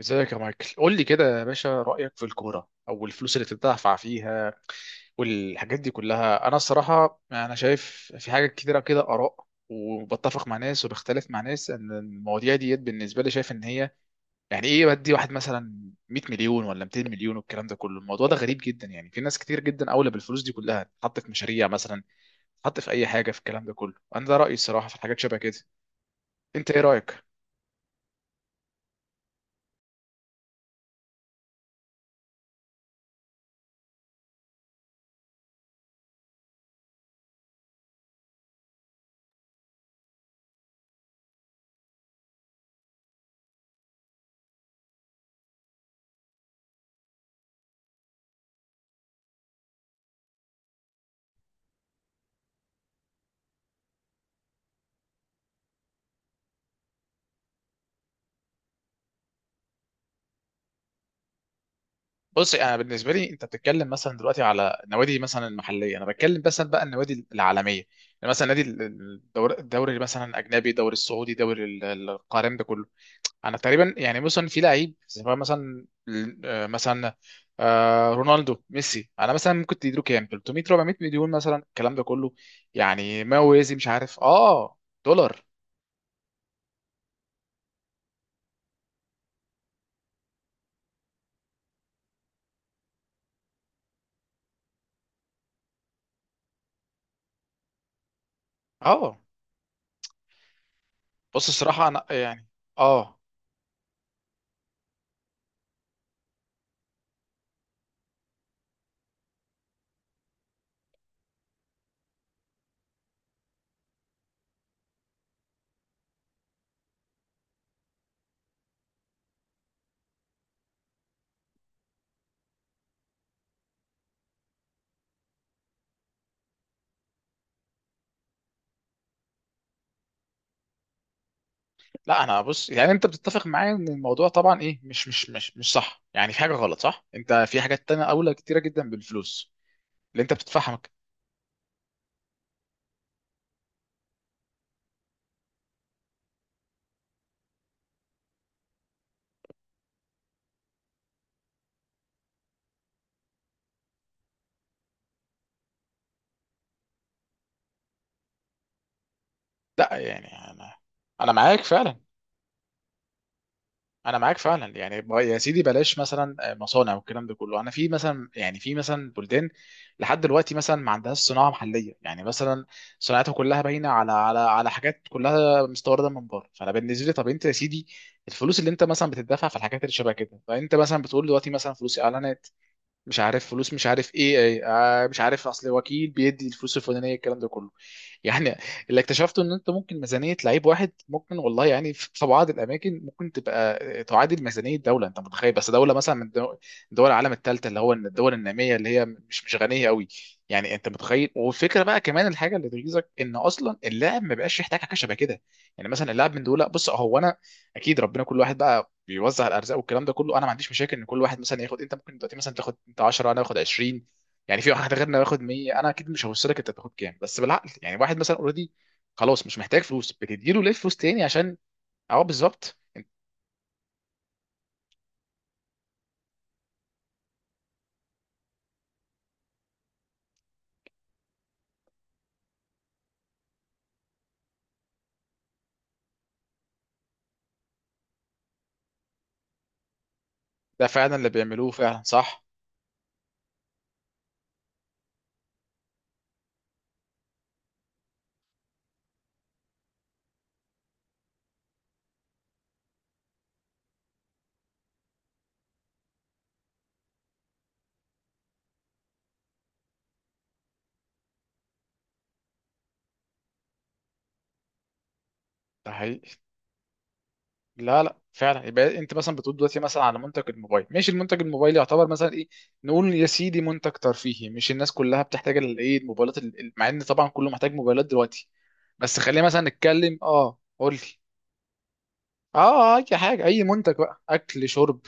ازيك يا مايكل، قول لي كده يا باشا رأيك في الكورة او الفلوس اللي بتدفع فيها والحاجات دي كلها. انا الصراحة، انا شايف في حاجات كتيرة كده آراء، وبتفق مع ناس وبختلف مع ناس. ان المواضيع ديت بالنسبة لي شايف ان هي يعني ايه، بدي واحد مثلا 100 مليون ولا 200 مليون والكلام ده كله. الموضوع ده غريب جدا، يعني في ناس كتير جدا اولى بالفلوس دي كلها تحط في مشاريع، مثلا تحط في اي حاجة، في الكلام ده كله. انا ده رأيي الصراحة في حاجات شبه كده. انت ايه رأيك؟ بص، انا بالنسبه لي، انت بتتكلم مثلا دلوقتي على النوادي مثلا المحليه، انا بتكلم مثلا بقى النوادي العالميه، يعني مثلا نادي الدوري، مثلا الاجنبي، الدوري السعودي، دوري القارم ده كله. انا تقريبا يعني مثلا في لعيب سواء مثلا آه، مثلا رونالدو ميسي، انا مثلا ممكن تديله كام، 300 400 مليون مثلا الكلام ده كله، يعني ما يوازي مش عارف اه. دولار اه. بص الصراحه انا يعني، اه. لا انا بص يعني انت بتتفق معايا ان الموضوع طبعا ايه مش صح، يعني في حاجه غلط صح. انت في حاجات تانية اولى كتيره جدا بالفلوس اللي انت بتدفعها. لا يعني انا، انا معاك فعلا. انا معاك فعلا، يعني يا سيدي بلاش مثلا مصانع والكلام ده كله. انا في مثلا، يعني في مثلا بلدان لحد دلوقتي مثلا ما عندهاش صناعه محليه، يعني مثلا صناعتها كلها باينه على على حاجات كلها مستورده من بره. فانا بالنسبه لي، طب انت يا سيدي الفلوس اللي انت مثلا بتدفع في الحاجات اللي شبه كده، فانت مثلا بتقول دلوقتي مثلا فلوس اعلانات، مش عارف فلوس، مش عارف ايه ايه، مش عارف اصل وكيل بيدي الفلوس الفلانيه الكلام ده كله. يعني اللي اكتشفته ان انت ممكن ميزانيه لعيب واحد ممكن والله، يعني في بعض الاماكن ممكن تبقى تعادل ميزانيه دوله. انت متخيل؟ بس دوله مثلا من دول العالم الثالثه، اللي هو الدول الناميه اللي هي مش غنيه قوي. يعني انت متخيل. والفكره بقى كمان الحاجه اللي تغيظك ان اصلا اللاعب ما بقاش يحتاج حاجه شبه كده. يعني مثلا اللاعب من دول، بص هو، انا اكيد ربنا كل واحد بقى بيوزع الارزاق والكلام ده كله. انا ما عنديش مشاكل ان كل واحد مثلا ياخد، انت ممكن دلوقتي مثلا تاخد انت 10، انا اخد 20، يعني في واحد غيرنا ياخد 100. انا اكيد مش هوصلك انت تاخد كام، بس بالعقل يعني. واحد مثلا اوريدي خلاص مش محتاج فلوس، بتديله ليه فلوس تاني عشان. اه بالظبط. ده فعلا اللي بيعملوه فعلا، صح. ده حقيقي. لا لا فعلا. يبقى انت مثلا بتقول دلوقتي مثلا على منتج الموبايل، ماشي. المنتج الموبايل يعتبر مثلا ايه، نقول يا سيدي منتج ترفيهي، مش الناس كلها بتحتاج الايه، الموبايلات مع ان طبعا كله محتاج موبايلات دلوقتي. بس خلينا مثلا نتكلم، اه قول لي. اه اي حاجه، اي منتج بقى، اكل شرب،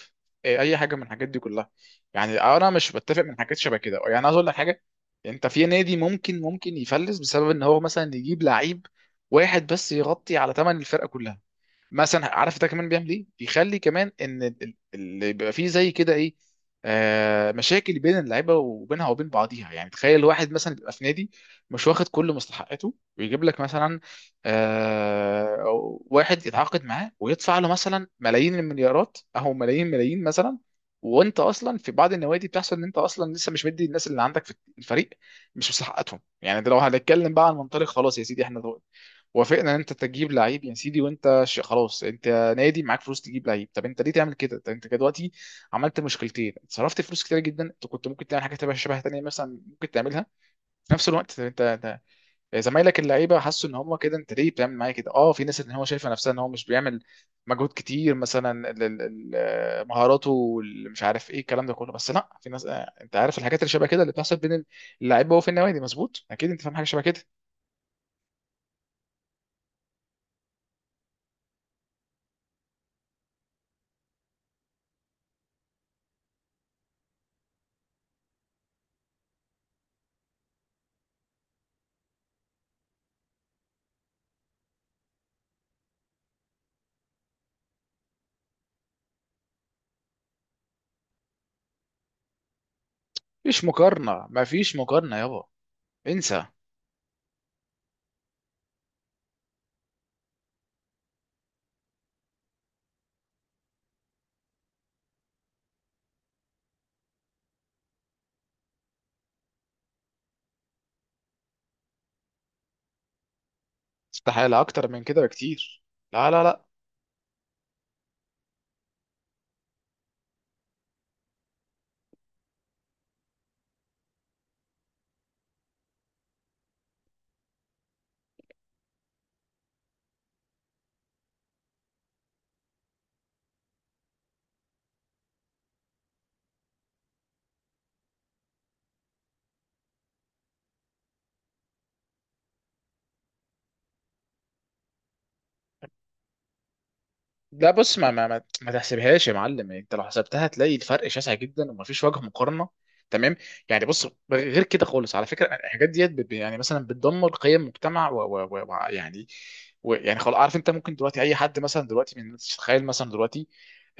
اي حاجه من الحاجات دي كلها. يعني انا مش بتفق من حاجات شبه كده. يعني عايز اقول لك حاجه، انت في نادي ممكن يفلس بسبب ان هو مثلا يجيب لعيب واحد بس يغطي على ثمن الفرقه كلها. مثلا عارف ده كمان بيعمل ايه، بيخلي كمان ان اللي بيبقى فيه زي كده ايه، آه، مشاكل بين اللعيبه وبينها وبين بعضيها. يعني تخيل واحد مثلا بيبقى في نادي مش واخد كل مستحقاته ويجيب لك مثلا آه، أو واحد يتعاقد معاه ويدفع له مثلا ملايين المليارات او ملايين ملايين مثلا. وانت اصلا في بعض النوادي بتحصل ان انت اصلا لسه مش مدي الناس اللي عندك في الفريق مش مستحقاتهم. يعني ده لو هنتكلم بقى عن منطلق خلاص يا سيدي احنا وافقنا ان انت تجيب لعيب يا سيدي. وانت خلاص انت نادي معاك فلوس تجيب لعيب، طب انت ليه تعمل كده؟ طب انت كده دلوقتي عملت مشكلتين: صرفت فلوس كتير جدا، انت كنت ممكن تعمل حاجه تبقى شبه تانية مثلا ممكن تعملها في نفس الوقت. انت زمايلك اللعيبه حسوا ان هم كده، انت ليه بتعمل معايا كده؟ اه في ناس ان هو شايفه نفسها ان هو مش بيعمل مجهود كتير، مثلا مهاراته مش عارف ايه الكلام ده كله. بس لا، في ناس انت عارف الحاجات اللي شبه كده اللي بتحصل بين اللعيبه وفي النوادي. مظبوط، اكيد انت فاهم حاجه شبه كده. مفيش مقارنه، مفيش مقارنه يابا. انسى. استحالة اكتر من كده بكتير. لا لا لا. لا بص، ما تحسبهاش يا معلم، انت لو حسبتها هتلاقي الفرق شاسع جدا ومفيش وجه مقارنة. تمام. يعني بص، غير كده خالص، على فكرة الحاجات ديت يعني مثلا بتدمر قيم مجتمع و يعني، و يعني خلاص. عارف، انت ممكن دلوقتي اي حد مثلا دلوقتي من الناس، تخيل مثلا دلوقتي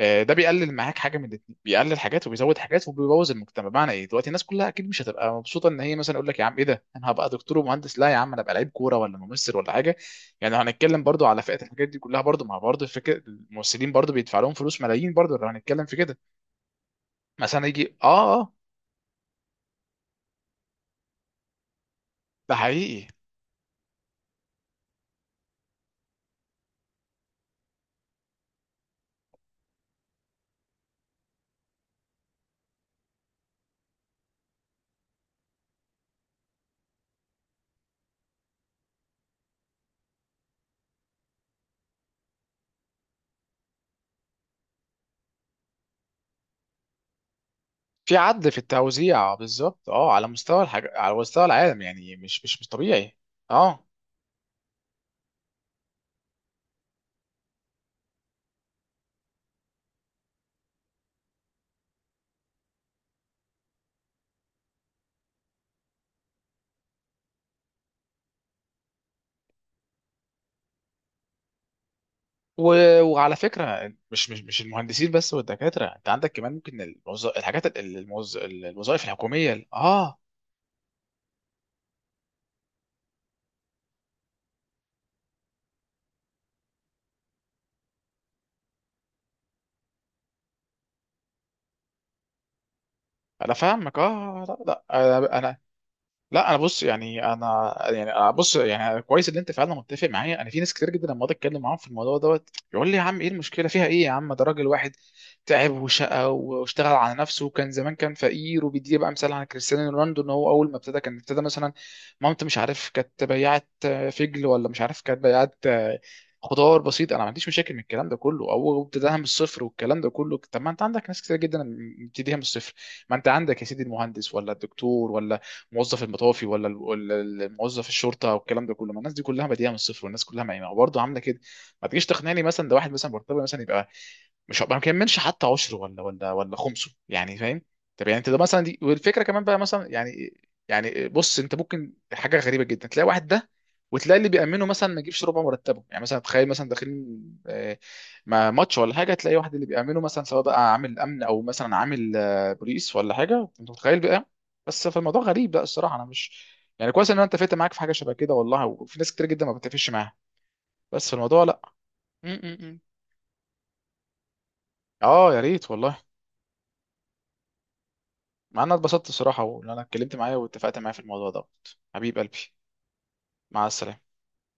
ده بيقلل معاك حاجه من الاتنين، بيقلل حاجات وبيزود حاجات وبيبوظ المجتمع. بمعنى ايه؟ دلوقتي الناس كلها اكيد مش هتبقى مبسوطه ان هي مثلا يقول لك يا عم ايه ده، انا هبقى دكتور ومهندس؟ لا يا عم، انا ابقى لعيب كوره ولا ممثل ولا حاجه. يعني لو هنتكلم برضو على فئات الحاجات دي كلها برضو، مع برضو فكره الممثلين برضو بيدفع لهم فلوس ملايين، برضو لو هنتكلم في كده. مثلا يجي اه اه. ده حقيقي. في عدل في التوزيع بالظبط، اه، على مستوى الحاجة، على مستوى العالم، يعني مش طبيعي. اه. و... وعلى فكره، مش المهندسين بس والدكاتره، انت عندك كمان ممكن الموز... الحاجات ال- الموز... الوظائف الحكوميه اه. انا فاهمك اه. لا. لا انا، لا انا بص يعني انا يعني أنا بص يعني كويس ان انت فعلا متفق معايا. انا في ناس كتير جدا لما اقعد اتكلم معاهم في الموضوع دوت يقول لي يا عم ايه المشكله فيها؟ ايه يا عم؟ ده راجل واحد تعب وشقى واشتغل على نفسه وكان زمان كان فقير، وبيدي بقى مثال عن كريستيانو رونالدو، ان هو اول ما ابتدى كان ابتدى مثلا مامته مش عارف كانت بياعه فجل ولا مش عارف كانت بياعه خضار بسيط. انا ما عنديش مشاكل من الكلام ده كله، او ابتداها من الصفر والكلام ده كله. طب ما انت عندك ناس كتير جدا مبتديها من الصفر. ما انت عندك يا سيدي المهندس، ولا الدكتور، ولا موظف المطافي، ولا موظف الشرطه والكلام ده كله. ما الناس دي كلها بادئه من الصفر، والناس كلها ما برضه عامله كده. ما تجيش تقنعني مثلا ده واحد مثلا مرتبه مثلا يبقى مش، ما كملش حتى 10 ولا ولا خمسه يعني، فاهم؟ طب يعني انت ده مثلا دي، والفكره كمان بقى مثلا يعني. يعني بص انت ممكن حاجه غريبه جدا، تلاقي واحد ده وتلاقي اللي بيأمنه مثلا ما يجيبش ربع مرتبه. يعني مثلا تخيل مثلا داخلين مع ماتش ولا حاجه، تلاقي واحد اللي بيأمنه مثلا سواء بقى عامل امن، او مثلا عامل بوليس ولا حاجه. انت متخيل؟ بس فالموضوع غريب، لا الصراحه انا مش، يعني كويس ان انا اتفقت معاك في حاجه شبه كده والله، وفي ناس كتير جدا ما بتتفقش معاها بس في الموضوع، لا. م- م- م. اه يا ريت والله. مع ان أنا اتبسطت الصراحه، وان انا اتكلمت معايا واتفقت معايا في الموضوع ده. حبيب قلبي. مع السلامه.